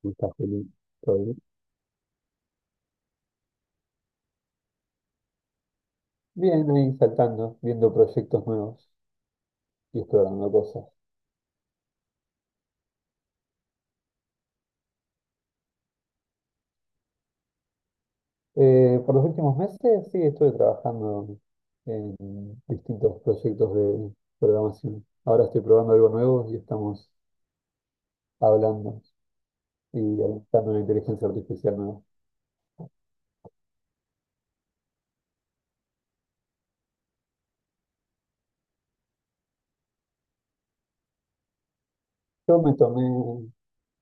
¿Cómo estás, Juli? ¿Todo bien? Bien, ahí saltando, viendo proyectos nuevos y explorando cosas. Por los últimos meses sí estuve trabajando en distintos proyectos de programación. Ahora estoy probando algo nuevo y estamos hablando y analizando una inteligencia artificial nueva. Yo me tomé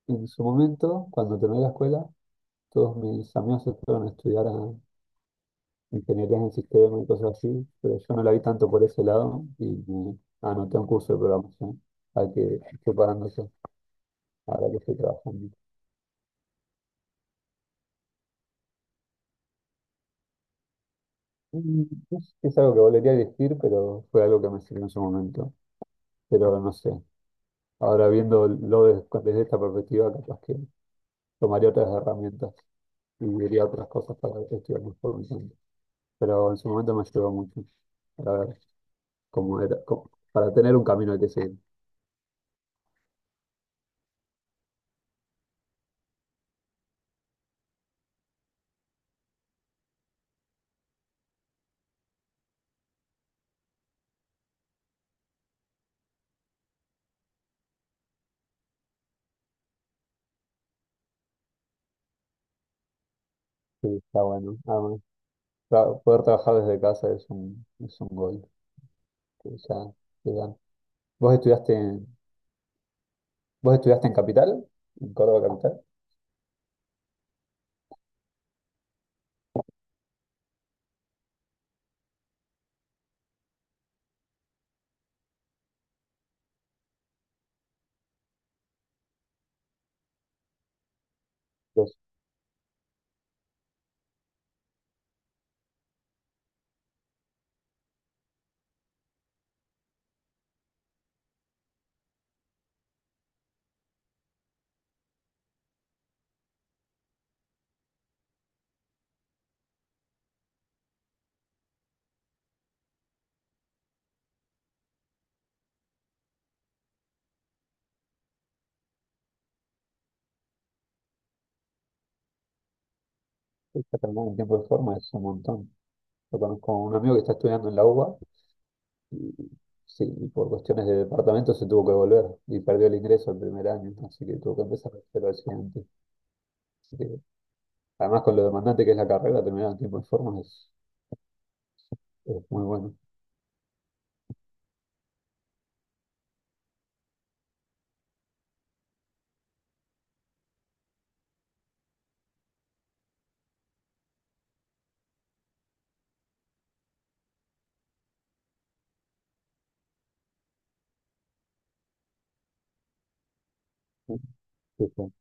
en su momento, cuando terminé la escuela, todos mis amigos se fueron a estudiar a ingenierías en sistemas y cosas así, pero yo no la vi tanto por ese lado y me anoté un curso de programación al que estoy pagando eso, ahora que estoy trabajando. Mm, es algo que volvería a elegir, pero fue algo que me sirvió en su momento. Pero no sé, ahora viéndolo desde esta perspectiva, capaz que tomaría otras herramientas y diría otras cosas para estudiar mejor mi campo. Pero en su momento me ayudó mucho para ver cómo era, para tener un camino al que seguir. Sí, está bueno. Claro, poder trabajar desde casa es un gol que ya te dan. ¿Vos estudiaste en, ¿Vos estudiaste en Capital? ¿En Córdoba Capital? Los está terminando en tiempo de forma es un montón. Yo conozco a un amigo que está estudiando en la UBA y sí, y por cuestiones de departamento se tuvo que volver y perdió el ingreso el primer año, así que tuvo que empezar a hacerlo al siguiente. Así que, además con lo demandante que es la carrera, terminar en tiempo de forma es muy bueno. Sí, sí.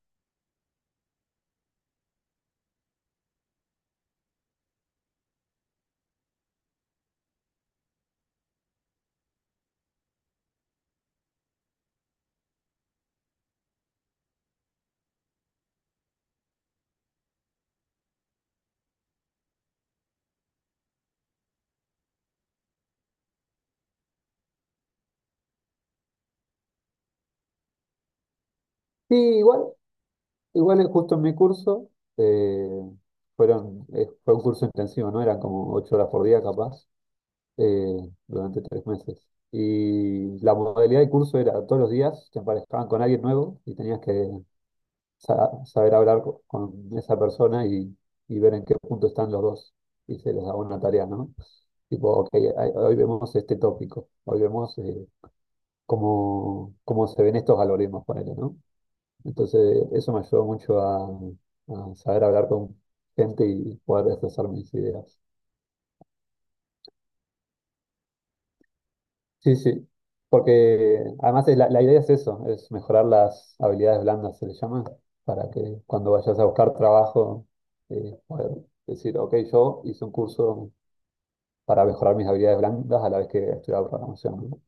Sí, igual. Igual justo en mi curso, eh, fue un curso intensivo, ¿no? Eran como ocho horas por día capaz, eh, durante tres meses. Y la modalidad de curso era todos los días te emparejaban con alguien nuevo y tenías que saber hablar con esa persona y ver en qué punto están los dos. Y se les daba una tarea, ¿no? Tipo, ok, hoy vemos este tópico, hoy vemos cómo, cómo se ven estos algoritmos, ponele, ¿no? Entonces, eso me ayudó mucho a saber hablar con gente y poder expresar mis ideas. Sí, sí, porque además es la, la idea es eso, es mejorar las habilidades blandas, se le llama, para que cuando vayas a buscar trabajo, poder decir, ok, yo hice un curso para mejorar mis habilidades blandas a la vez que estudiaba programación. ¿No?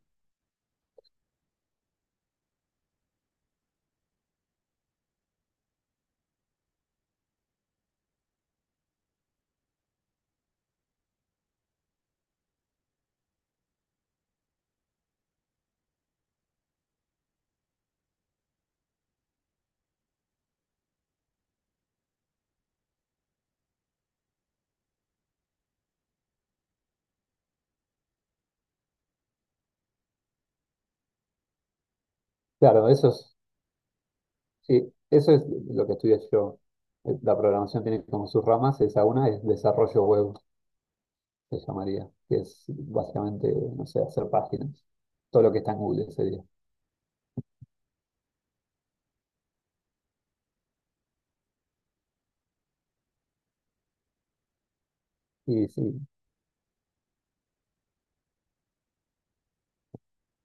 Claro, sí, eso es lo que estudié yo. La programación tiene como sus ramas, esa una es desarrollo web se llamaría, que es básicamente, no sé, hacer páginas, todo lo que está en Google sería. Y sí,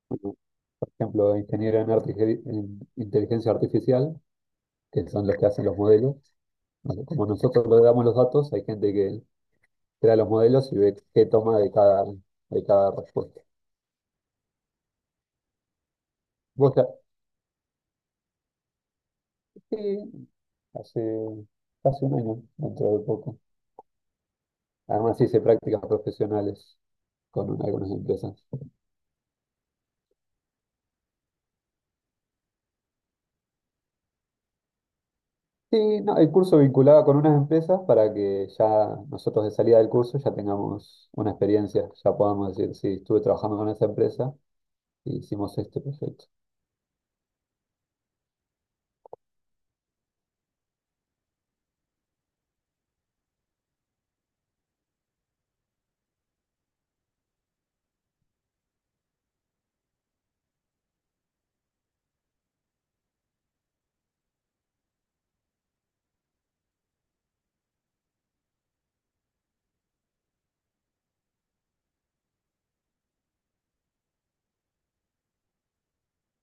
bueno, por ejemplo, en inteligencia artificial, que son los que hacen los modelos. Bueno, como nosotros le damos los datos, hay gente que crea los modelos y ve qué toma de cada respuesta. Vos ya- sí, hace casi un año, dentro de poco. Además hice prácticas profesionales con algunas empresas. Sí, no, el curso vinculaba con unas empresas para que ya nosotros de salida del curso ya tengamos una experiencia, ya podamos decir, sí, estuve trabajando con esa empresa y hicimos este proyecto,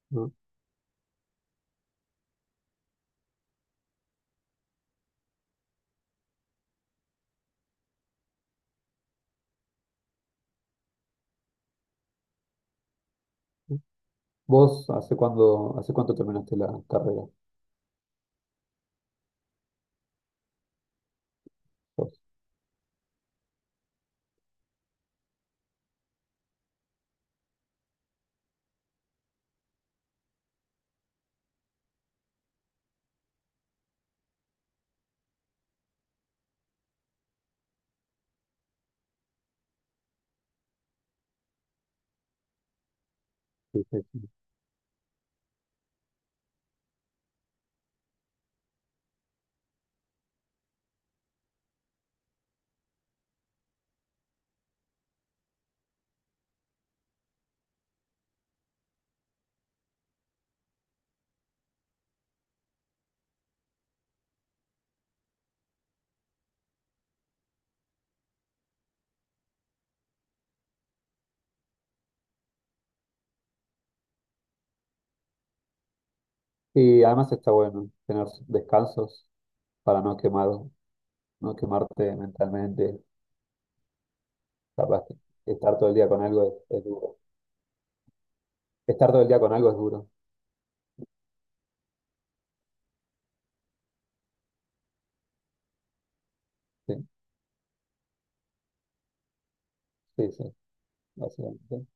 ¿no? ¿Hace cuánto terminaste la carrera? Vos, sí, sí, sí. Y además está bueno tener descansos para no quemar, no quemarte mentalmente, capaz que estar todo el día con algo es duro. Estar todo el día con algo es duro, sí, sí, sí, básicamente.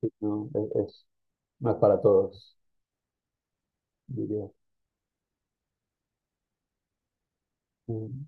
Sí, no, no es para todos. Diría. Mm.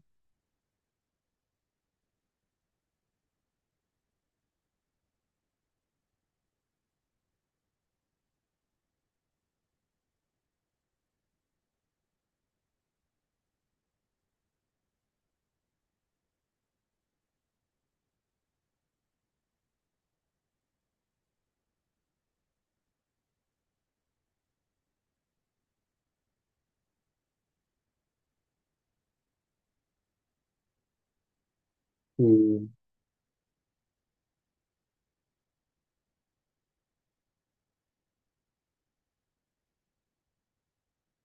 Y,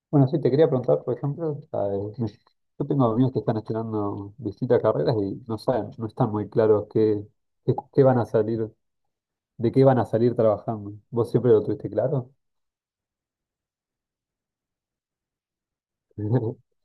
bueno, sí, te quería preguntar, por ejemplo, ¿sabes? Yo tengo amigos que están estudiando distintas carreras y no saben, no están muy claros qué van a salir, de qué van a salir trabajando. ¿Vos siempre lo tuviste claro?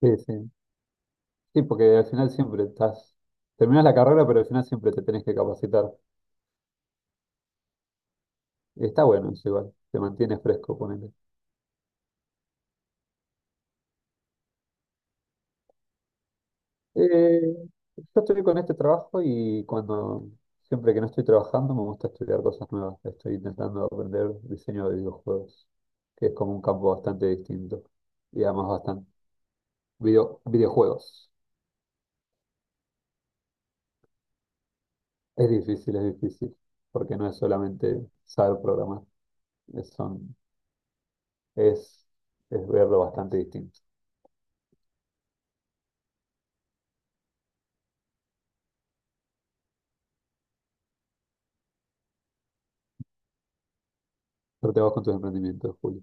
Sí, sí. Sí, porque al final siempre estás, terminás la carrera, pero al final siempre te tenés que capacitar. Está bueno eso igual, te mantiene fresco. Eh, yo estoy con este trabajo y cuando siempre que no estoy trabajando me gusta estudiar cosas nuevas. Estoy intentando aprender diseño de videojuegos, que es como un campo bastante distinto y además bastante videojuegos. Es difícil, porque no es solamente saber programar, es, son, es, es verlo bastante distinto. Pero te vas con tus emprendimientos, Julio.